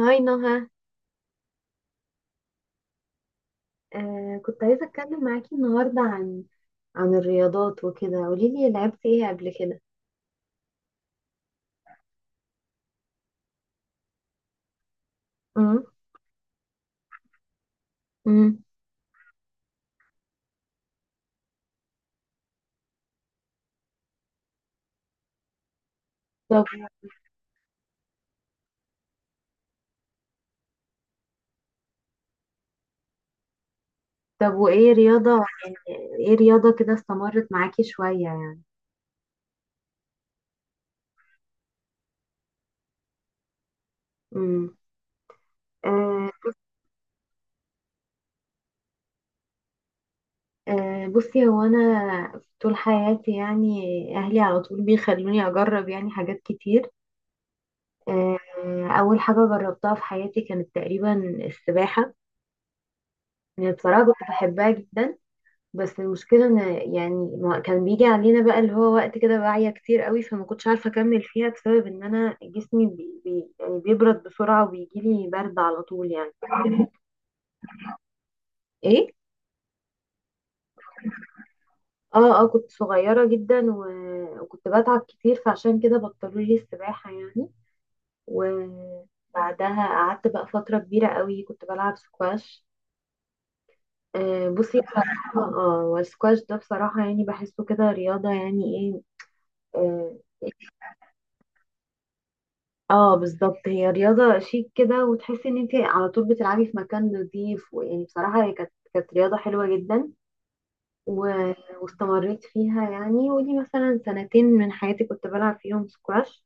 هاي نهى. كنت عايزة أتكلم معاكي النهاردة عن عن الرياضات وكده. قوليلي لعبتي ايه قبل كده؟ امم امم طب، وإيه رياضة يعني، إيه رياضة كده استمرت معاكي شوية يعني؟ امم آه بصي، هو أنا طول حياتي يعني أهلي على طول بيخلوني أجرب يعني حاجات كتير. آه، أول حاجة جربتها في حياتي كانت تقريبا السباحة. يعني بصراحة كنت بحبها جدا، بس المشكلة ان، يعني كان بيجي علينا بقى اللي هو وقت كده واعية كتير قوي، فما كنتش عارفة اكمل فيها بسبب ان انا جسمي بي بي يعني بيبرد بسرعة وبيجيلي برد على طول يعني. ايه؟ اه اه، كنت صغيرة جدا، وكنت بتعب كتير، فعشان كده بطلوا لي السباحة يعني. وبعدها قعدت بقى فترة كبيرة قوي كنت بلعب سكواش. آه بصي، بصراحة اه، والسكواش ده بصراحة يعني بحسه كده رياضة يعني ايه، آه اه بالظبط، هي رياضة شيك كده وتحسي ان انت على طول بتلعبي في مكان نظيف، ويعني بصراحة هي كانت رياضة حلوة جدا. و... واستمريت فيها يعني، ودي مثلا سنتين من حياتي كنت بلعب فيهم سكواش.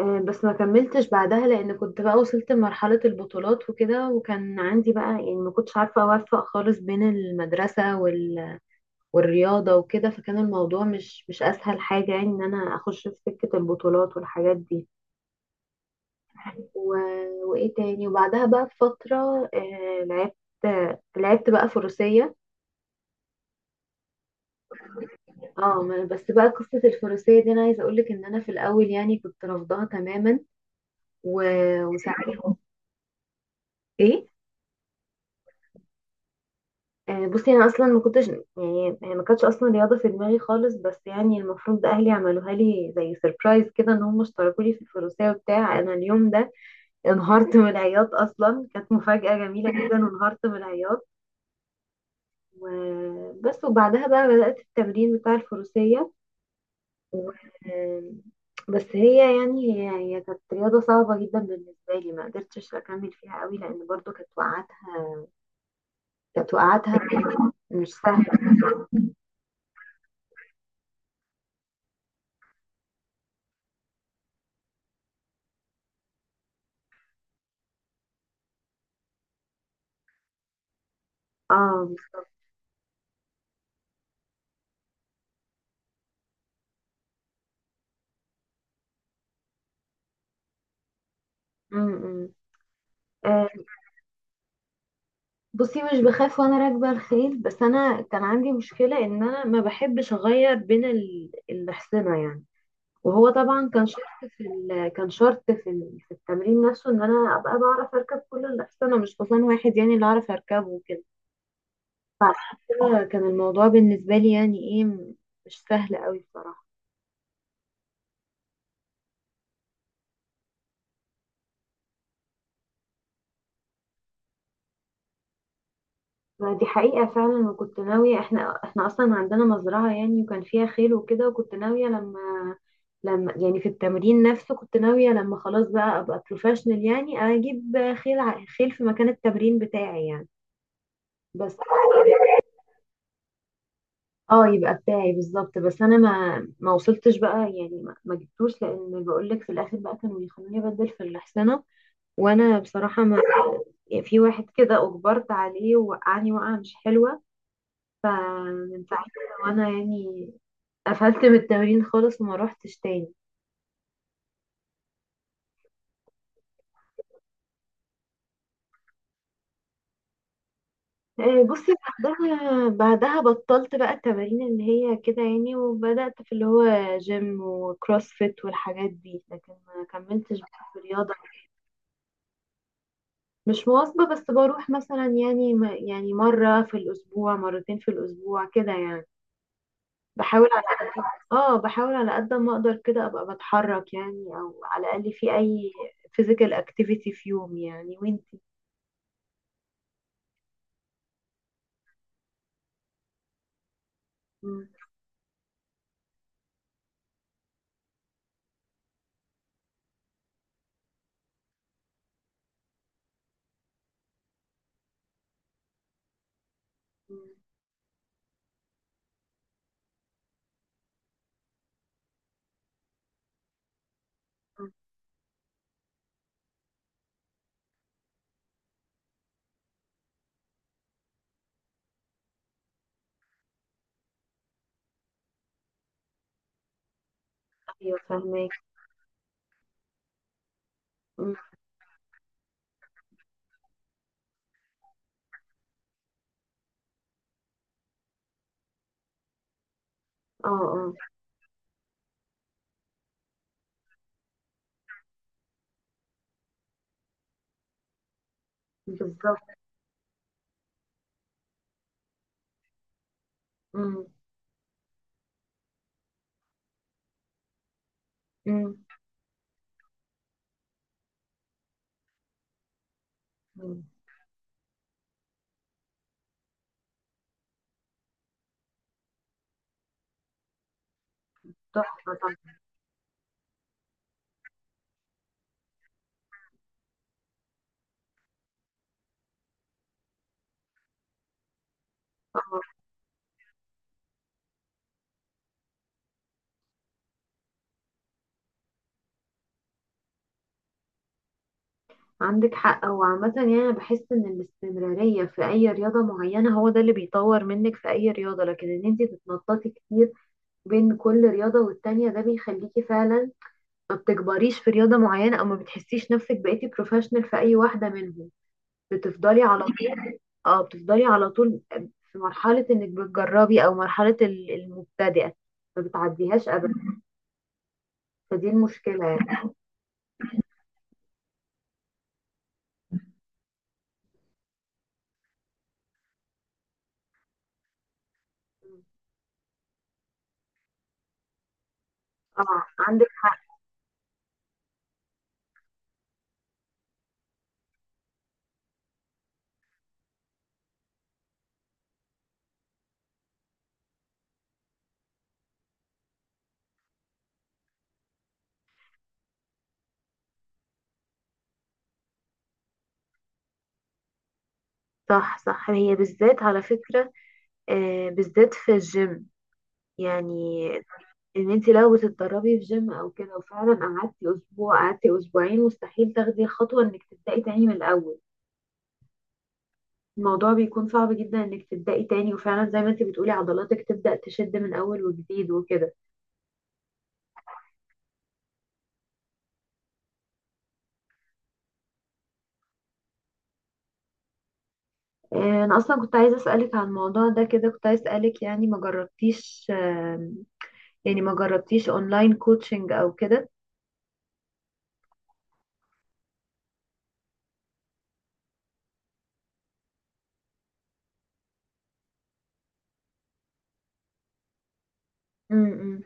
آه، بس ما كملتش بعدها لان كنت بقى وصلت لمرحلة البطولات وكده، وكان عندي بقى يعني ما كنتش عارفة اوفق خالص بين المدرسة والرياضة وكده. فكان الموضوع مش اسهل حاجة يعني ان انا اخش في سكة البطولات والحاجات دي. و... وايه تاني، وبعدها بقى بفترة آه لعبت بقى فروسية. اه بس بقى قصة الفروسية دي انا عايزة اقولك ان انا في الاول يعني كنت رافضاها تماما. و... وساعات، ايه؟ آه بصي، انا اصلا ما كنتش يعني، يعني ما كانتش اصلا رياضة في دماغي خالص، بس يعني المفروض اهلي عملوها لي زي سربرايز كده، ان هم اشتركوا لي في الفروسية وبتاع. انا اليوم ده انهارت من العياط، اصلا كانت مفاجأة جميلة جدا وانهارت من العياط. وبس، وبعدها بقى بدأت التمرين بتاع الفروسية. و... بس هي يعني، هي كانت رياضة صعبة جدا بالنسبة لي. ما قدرتش أكمل فيها قوي، لأن برضو كانت وقعاتها مش سهلة. اه م -م. آه، بصي مش بخاف وانا راكبة الخيل، بس انا كان عندي مشكلة ان انا ما بحبش اغير بين الأحصنة يعني. وهو طبعا كان شرط في في التمرين نفسه ان انا ابقى بعرف اركب كل الاحصنه، مش حصان واحد يعني اللي اعرف اركبه وكده. كده كان الموضوع بالنسبه لي يعني ايه، مش سهل قوي بصراحه. ما دي حقيقه فعلا. وكنت ناويه، احنا اصلا عندنا مزرعه يعني وكان فيها خيل وكده، وكنت ناويه لما يعني في التمرين نفسه، كنت ناويه لما خلاص بقى ابقى بروفيشنال يعني اجيب خيل في مكان التمرين بتاعي يعني. بس اه، يبقى بتاعي بالظبط. بس انا ما وصلتش بقى يعني ما جبتوش، لان بقول لك في الاخر بقى كانوا يخلوني ابدل في الحصانه. وانا بصراحه، ما يعني، في واحد كده اجبرت عليه ووقعني وقعه مش حلوه، فمن ساعتها وانا يعني قفلت من التمرين خالص وما روحتش تاني. آه، بصي، بعدها بطلت بقى التمارين اللي هي كده يعني، وبدأت في اللي هو جيم وكروسفيت والحاجات دي، لكن ما كملتش بقى في الرياضة. مش مواظبة، بس بروح مثلا يعني، يعني مرة في الأسبوع، مرتين في الأسبوع كده يعني. بحاول على قد اه بحاول على قد ما أقدر كده أبقى بتحرك يعني، أو على الأقل في أي physical activity في يومي يعني. وانتي؟ مم. مم. مم. أيوة فهماك. مم. اه اه بالظبط. مم. مم. مم. تحفة طبعا. آه. عندك حق، هو عامة يعني أنا بحس إن الاستمرارية في أي رياضة معينة هو ده اللي بيطور منك في أي رياضة، لكن إن انتي تتنططي كتير بين كل رياضة والتانية، ده بيخليكي فعلا ما بتكبريش في رياضة معينة، او ما بتحسيش نفسك بقيتي بروفيشنال في اي واحدة منهم. بتفضلي على طول. اه، بتفضلي على طول في مرحلة انك بتجربي، او مرحلة المبتدئة، ما بتعديهاش ابدا. فدي المشكلة يعني. اه عندك حق. صح صح، هي بالذات على فكرة، آه بالذات في الجيم يعني، ان انت لو بتتدربي في جيم او كده، وفعلا قعدتي اسبوع، قعدتي اسبوعين، مستحيل تاخدي الخطوة انك تبدأي تاني من الاول. الموضوع بيكون صعب جدا انك تبدأي تاني، وفعلا زي ما انت بتقولي عضلاتك تبدأ تشد من اول وجديد وكده. آه، انا اصلا كنت عايزة اسألك عن الموضوع ده كده، كنت عايزة اسألك يعني ما جربتيش، آه، يعني ما جربتيش اونلاين كوتشنج او كده؟ امم.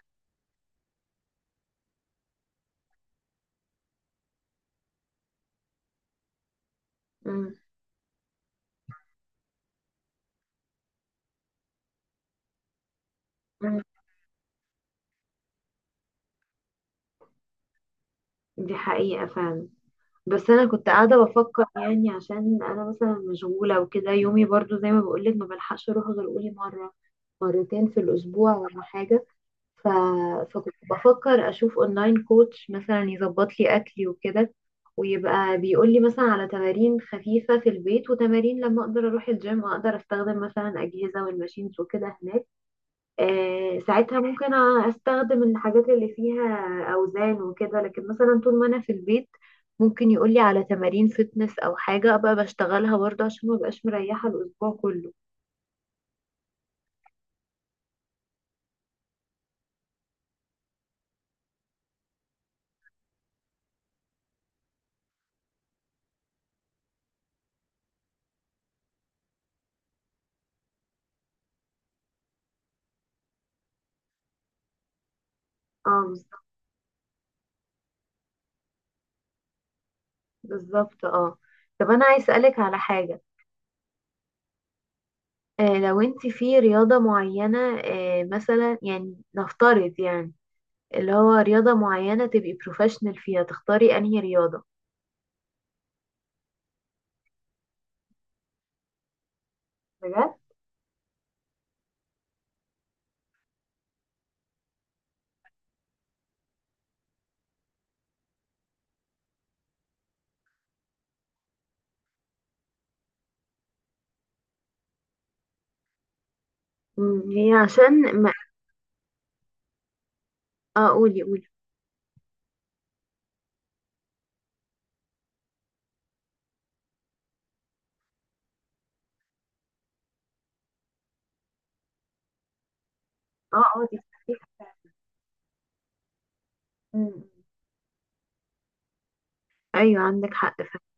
امم. امم. دي حقيقة فعلا. بس انا كنت قاعدة بفكر يعني، عشان انا مثلا مشغولة وكده، يومي برضو زي ما بقولك ما بلحقش اروح غير قولي مرة، مرتين في الاسبوع ولا حاجة. ف... فكنت بفكر اشوف اونلاين كوتش مثلا يظبط لي اكلي وكده، ويبقى بيقول لي مثلا على تمارين خفيفة في البيت، وتمارين لما اقدر اروح الجيم اقدر استخدم مثلا اجهزة والماشينز وكده هناك. آه ساعتها ممكن استخدم الحاجات اللي فيها اوزان وكده، لكن مثلا طول ما انا في البيت، ممكن يقول لي على تمارين فتنس او حاجة ابقى بشتغلها برضه عشان ما بقاش مريحة الاسبوع كله. اه بالظبط، اه. طب انا عايز اسالك على حاجة، آه، لو انت في رياضة معينة، آه، مثلا يعني نفترض يعني اللي هو رياضة معينة تبقي بروفيشنال فيها، تختاري انهي رياضة؟ بجد؟ مم، هي عشان ما... اه قولي قولي. اه اه دي صحيحة. مم. ايوه عندك حق فعلا.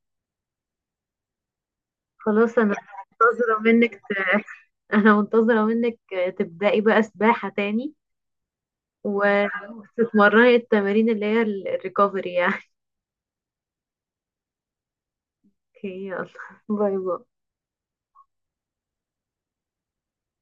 خلاص، انا منتظرة منك انا منتظرة منك، آه، تبدأي بقى سباحة تاني، وتتمرني التمارين اللي هي الريكفري يعني. اوكي، يلا، باي باي.